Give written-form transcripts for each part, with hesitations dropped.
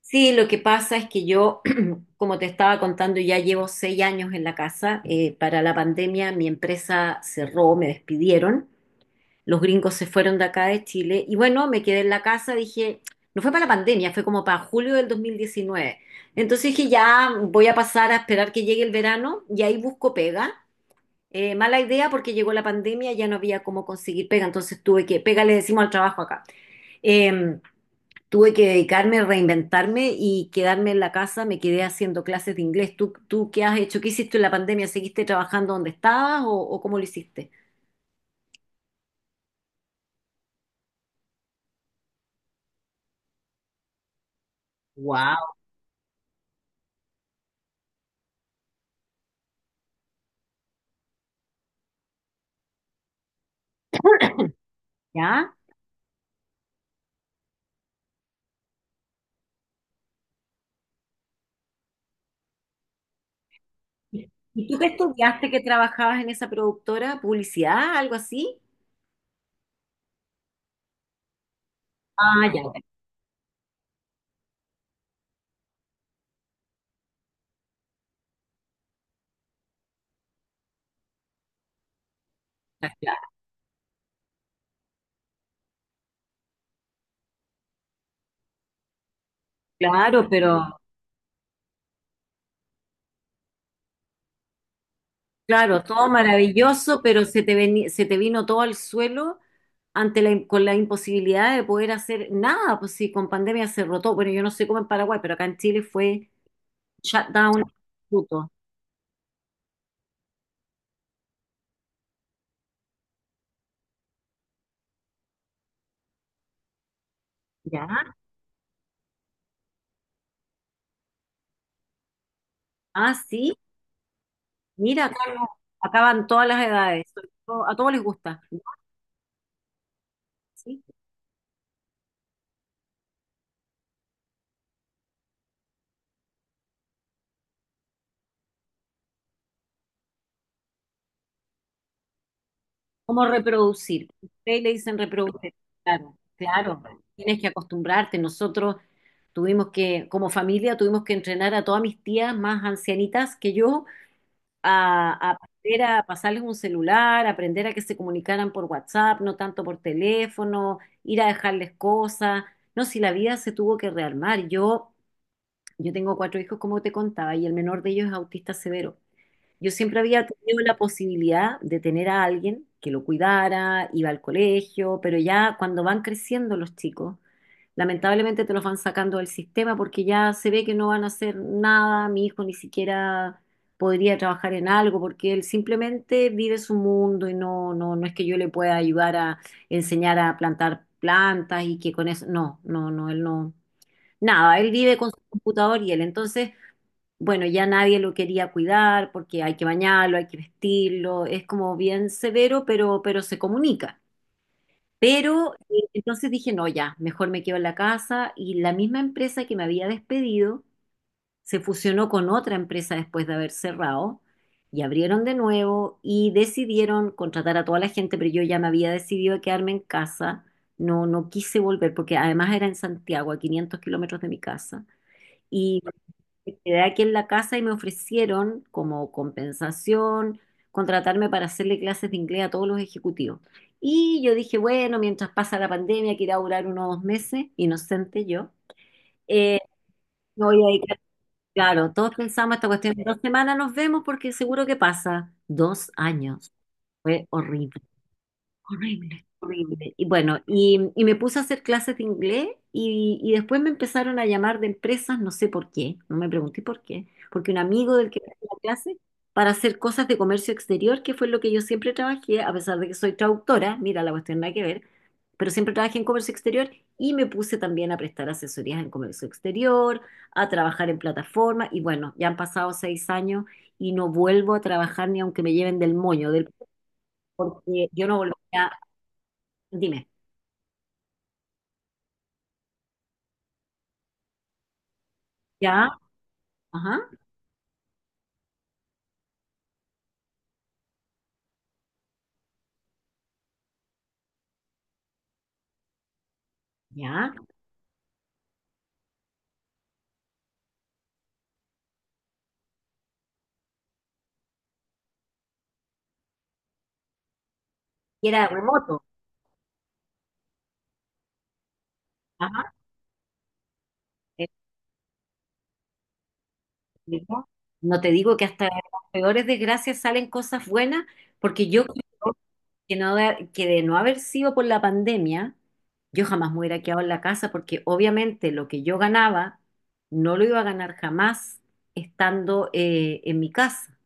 Sí, lo que pasa es que yo, como te estaba contando, ya llevo 6 años en la casa. Para la pandemia mi empresa cerró, me despidieron, los gringos se fueron de acá de Chile y bueno, me quedé en la casa, dije, no fue para la pandemia, fue como para julio del 2019. Entonces dije, ya voy a pasar a esperar que llegue el verano y ahí busco pega. Mala idea porque llegó la pandemia, ya no había cómo conseguir pega, entonces tuve que, pega le decimos al trabajo acá. Em, Tuve que dedicarme, reinventarme y quedarme en la casa, me quedé haciendo clases de inglés. ¿Tú qué has hecho? ¿Qué hiciste en la pandemia? ¿Seguiste trabajando donde estabas o cómo lo hiciste? Wow. ¿Ya? ¿Y tú qué estudiaste que trabajabas en esa productora? ¿Publicidad? ¿Algo así? Ah, ya, ya, ya, claro, pero claro, todo maravilloso, pero se te vino todo al suelo ante con la imposibilidad de poder hacer nada, pues sí, con pandemia se rotó. Bueno, yo no sé cómo en Paraguay, pero acá en Chile fue shutdown absoluto. ¿Ya? Ah, sí. Mira, acá, acá van todas las edades. A todos les gusta, ¿no? ¿Sí? ¿Cómo reproducir? Ustedes le dicen reproducir. Claro, claro. Tienes que acostumbrarte. Nosotros tuvimos que, como familia, tuvimos que entrenar a todas mis tías más ancianitas que yo a aprender a pasarles un celular, aprender a que se comunicaran por WhatsApp, no tanto por teléfono, ir a dejarles cosas. No, si la vida se tuvo que rearmar. Yo tengo cuatro hijos, como te contaba, y el menor de ellos es autista severo. Yo siempre había tenido la posibilidad de tener a alguien que lo cuidara, iba al colegio, pero ya cuando van creciendo los chicos, lamentablemente te los van sacando del sistema porque ya se ve que no van a hacer nada, mi hijo ni siquiera podría trabajar en algo porque él simplemente vive su mundo y no, no, no es que yo le pueda ayudar a enseñar a plantar plantas y que con eso, no, no, no, él no. Nada, él vive con su computador y él. Entonces, bueno, ya nadie lo quería cuidar porque hay que bañarlo, hay que vestirlo, es como bien severo, pero se comunica. Pero entonces dije, no, ya, mejor me quedo en la casa y la misma empresa que me había despedido se fusionó con otra empresa después de haber cerrado y abrieron de nuevo y decidieron contratar a toda la gente, pero yo ya me había decidido a quedarme en casa, no, no quise volver porque además era en Santiago, a 500 kilómetros de mi casa. Y me quedé aquí en la casa y me ofrecieron como compensación contratarme para hacerle clases de inglés a todos los ejecutivos. Y yo dije, bueno, mientras pasa la pandemia, que irá a durar unos 2 meses, inocente yo, eh, me voy a dedicar- claro, todos pensamos esta cuestión, en 2 semanas nos vemos porque seguro que pasa. 2 años. Fue horrible. Horrible, horrible. Y bueno, y me puse a hacer clases de inglés y después me empezaron a llamar de empresas, no sé por qué, no me pregunté por qué, porque un amigo del que me hacía la clase para hacer cosas de comercio exterior, que fue lo que yo siempre trabajé, a pesar de que soy traductora, mira, la cuestión nada que ver, pero siempre trabajé en comercio exterior y me puse también a prestar asesorías en comercio exterior, a trabajar en plataformas y bueno, ya han pasado 6 años y no vuelvo a trabajar ni aunque me lleven del moño, del, porque yo no volvería. Dime. Ya, ajá, ya. Y era remoto. Ajá. eh, Digo, no te digo que hasta de las peores desgracias salen cosas buenas, porque yo creo que no, que de no haber sido por la pandemia, yo jamás me hubiera quedado en la casa porque obviamente lo que yo ganaba no lo iba a ganar jamás estando en mi casa.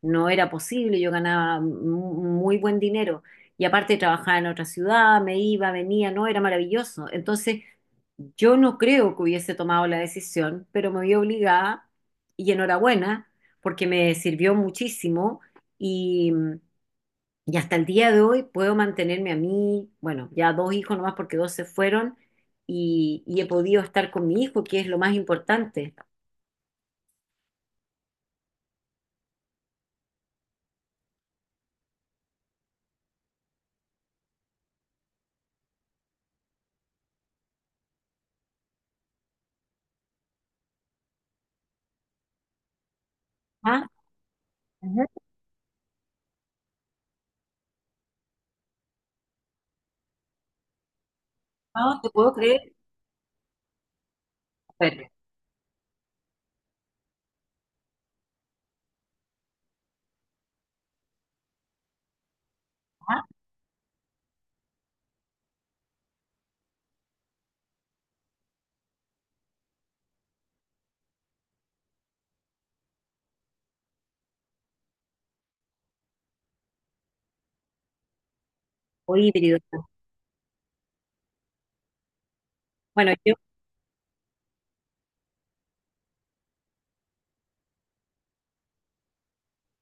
No era posible, yo ganaba muy buen dinero y aparte trabajaba en otra ciudad, me iba, venía, no, era maravilloso. Entonces, yo no creo que hubiese tomado la decisión, pero me vi obligada y enhorabuena porque me sirvió muchísimo y hasta el día de hoy puedo mantenerme a mí, bueno, ya dos hijos nomás porque dos se fueron y he podido estar con mi hijo, que es lo más importante. Ah, ujú. No te puedo creer. Pero, ajá. O híbrido. Bueno, yo,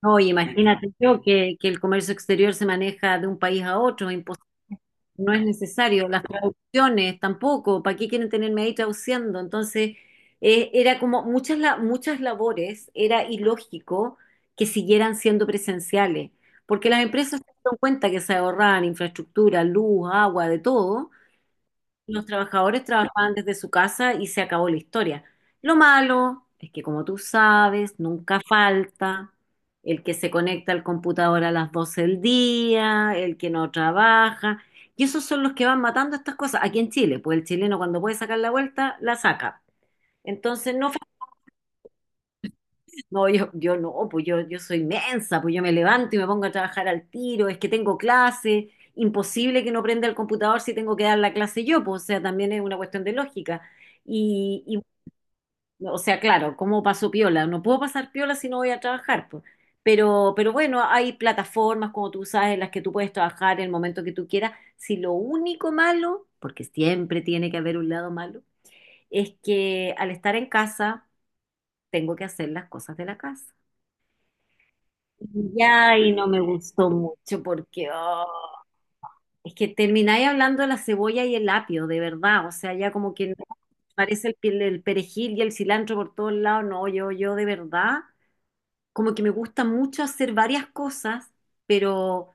no, imagínate yo que el comercio exterior se maneja de un país a otro, es no es necesario, las traducciones tampoco, ¿para qué quieren tenerme ahí traduciendo? Entonces, era como muchas, muchas labores, era ilógico que siguieran siendo presenciales, porque las empresas se dieron cuenta que se ahorraban infraestructura, luz, agua, de todo, los trabajadores trabajaban desde su casa y se acabó la historia. Lo malo es que, como tú sabes, nunca falta el que se conecta al computador a las 12 del día, el que no trabaja. Y esos son los que van matando estas cosas. Aquí en Chile, pues el chileno cuando puede sacar la vuelta, la saca. Entonces no, yo no, pues yo soy mensa, pues yo me levanto y me pongo a trabajar al tiro, es que tengo clase, imposible que no prenda el computador si tengo que dar la clase yo, pues o sea, también es una cuestión de lógica. Y, o sea, claro, ¿cómo paso piola? No puedo pasar piola si no voy a trabajar, pues. Pero bueno, hay plataformas, como tú sabes, en las que tú puedes trabajar en el momento que tú quieras. Si lo único malo, porque siempre tiene que haber un lado malo, es que al estar en casa tengo que hacer las cosas de la casa. Ya, y no me gustó mucho porque oh, es que termináis hablando de la cebolla y el apio, de verdad. O sea, ya como que no parece el, el perejil y el cilantro por todos lados. No, yo de verdad, como que me gusta mucho hacer varias cosas, pero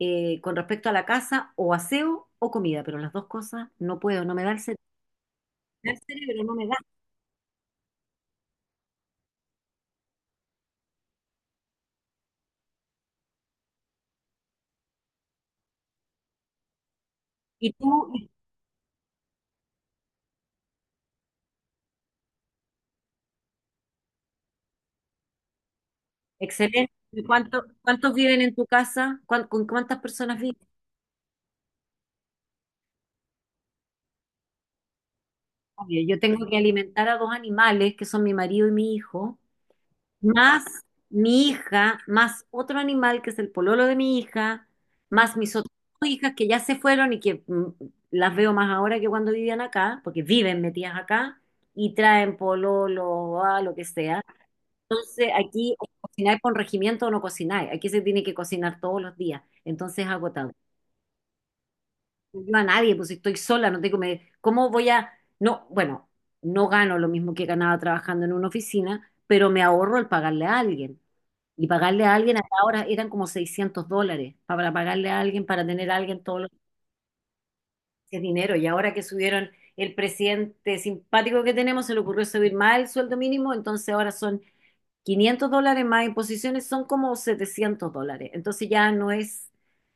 con respecto a la casa, o aseo o comida, pero las dos cosas no puedo, no me da el cerebro no me da. Y tú, excelente. ¿Y cuánto, cuántos viven en tu casa? Con cuántas personas viven? Oye, yo tengo que alimentar a dos animales, que son mi marido y mi hijo, más mi hija, más otro animal que es el pololo de mi hija, más mis otras dos hijas que ya se fueron y que las veo más ahora que cuando vivían acá, porque viven metidas acá y traen pololo, a lo que sea. Entonces aquí o cocinar con regimiento o no cocinar, aquí se tiene que cocinar todos los días, entonces es agotador. Yo a nadie, pues estoy sola, no tengo, me, ¿cómo voy a, no, bueno, no gano lo mismo que ganaba trabajando en una oficina, pero me ahorro el pagarle a alguien. Y pagarle a alguien hasta ahora eran como $600 para pagarle a alguien, para tener a alguien todos los meses dinero. Y ahora que subieron el presidente simpático que tenemos, se le ocurrió subir más el sueldo mínimo, entonces ahora son $500 más imposiciones son como $700. Entonces ya no es,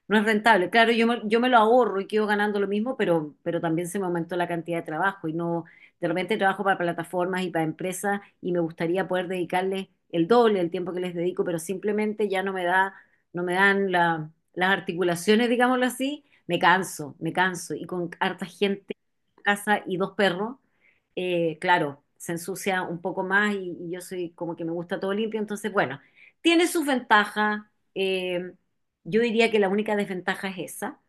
no es rentable. Claro, yo me lo ahorro y quedo ganando lo mismo, pero también se me aumentó la cantidad de trabajo y no, de repente trabajo para plataformas y para empresas y me gustaría poder dedicarles el doble del tiempo que les dedico, pero simplemente ya no me da, no me dan las articulaciones, digámoslo así. Me canso, me canso. Y con harta gente en casa y dos perros, claro, se ensucia un poco más y yo soy como que me gusta todo limpio, entonces, bueno, tiene sus ventajas. eh, yo diría que la única desventaja es esa,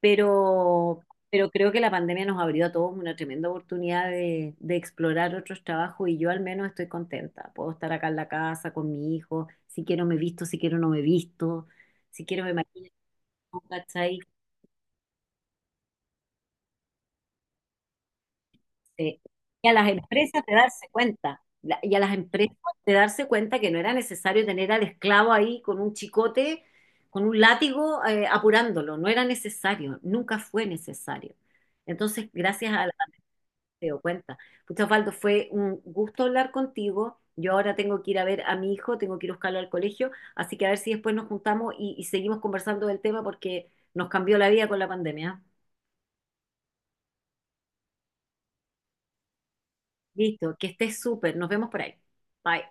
pero, pero creo que la pandemia nos abrió a todos una tremenda oportunidad de explorar otros trabajos y yo al menos estoy contenta. Puedo estar acá en la casa con mi hijo, si quiero me visto, si quiero no me visto, si quiero me maquillo, ¿cachai? Sí. Y a las empresas de darse cuenta que no era necesario tener al esclavo ahí con un chicote, con un látigo, apurándolo, no era necesario, nunca fue necesario. Entonces, gracias a la se dio cuenta. Pucha, Osvaldo, fue un gusto hablar contigo. Yo ahora tengo que ir a ver a mi hijo, tengo que ir a buscarlo al colegio, así que a ver si después nos juntamos y seguimos conversando del tema porque nos cambió la vida con la pandemia. Listo, que estés súper, nos vemos por ahí. Bye.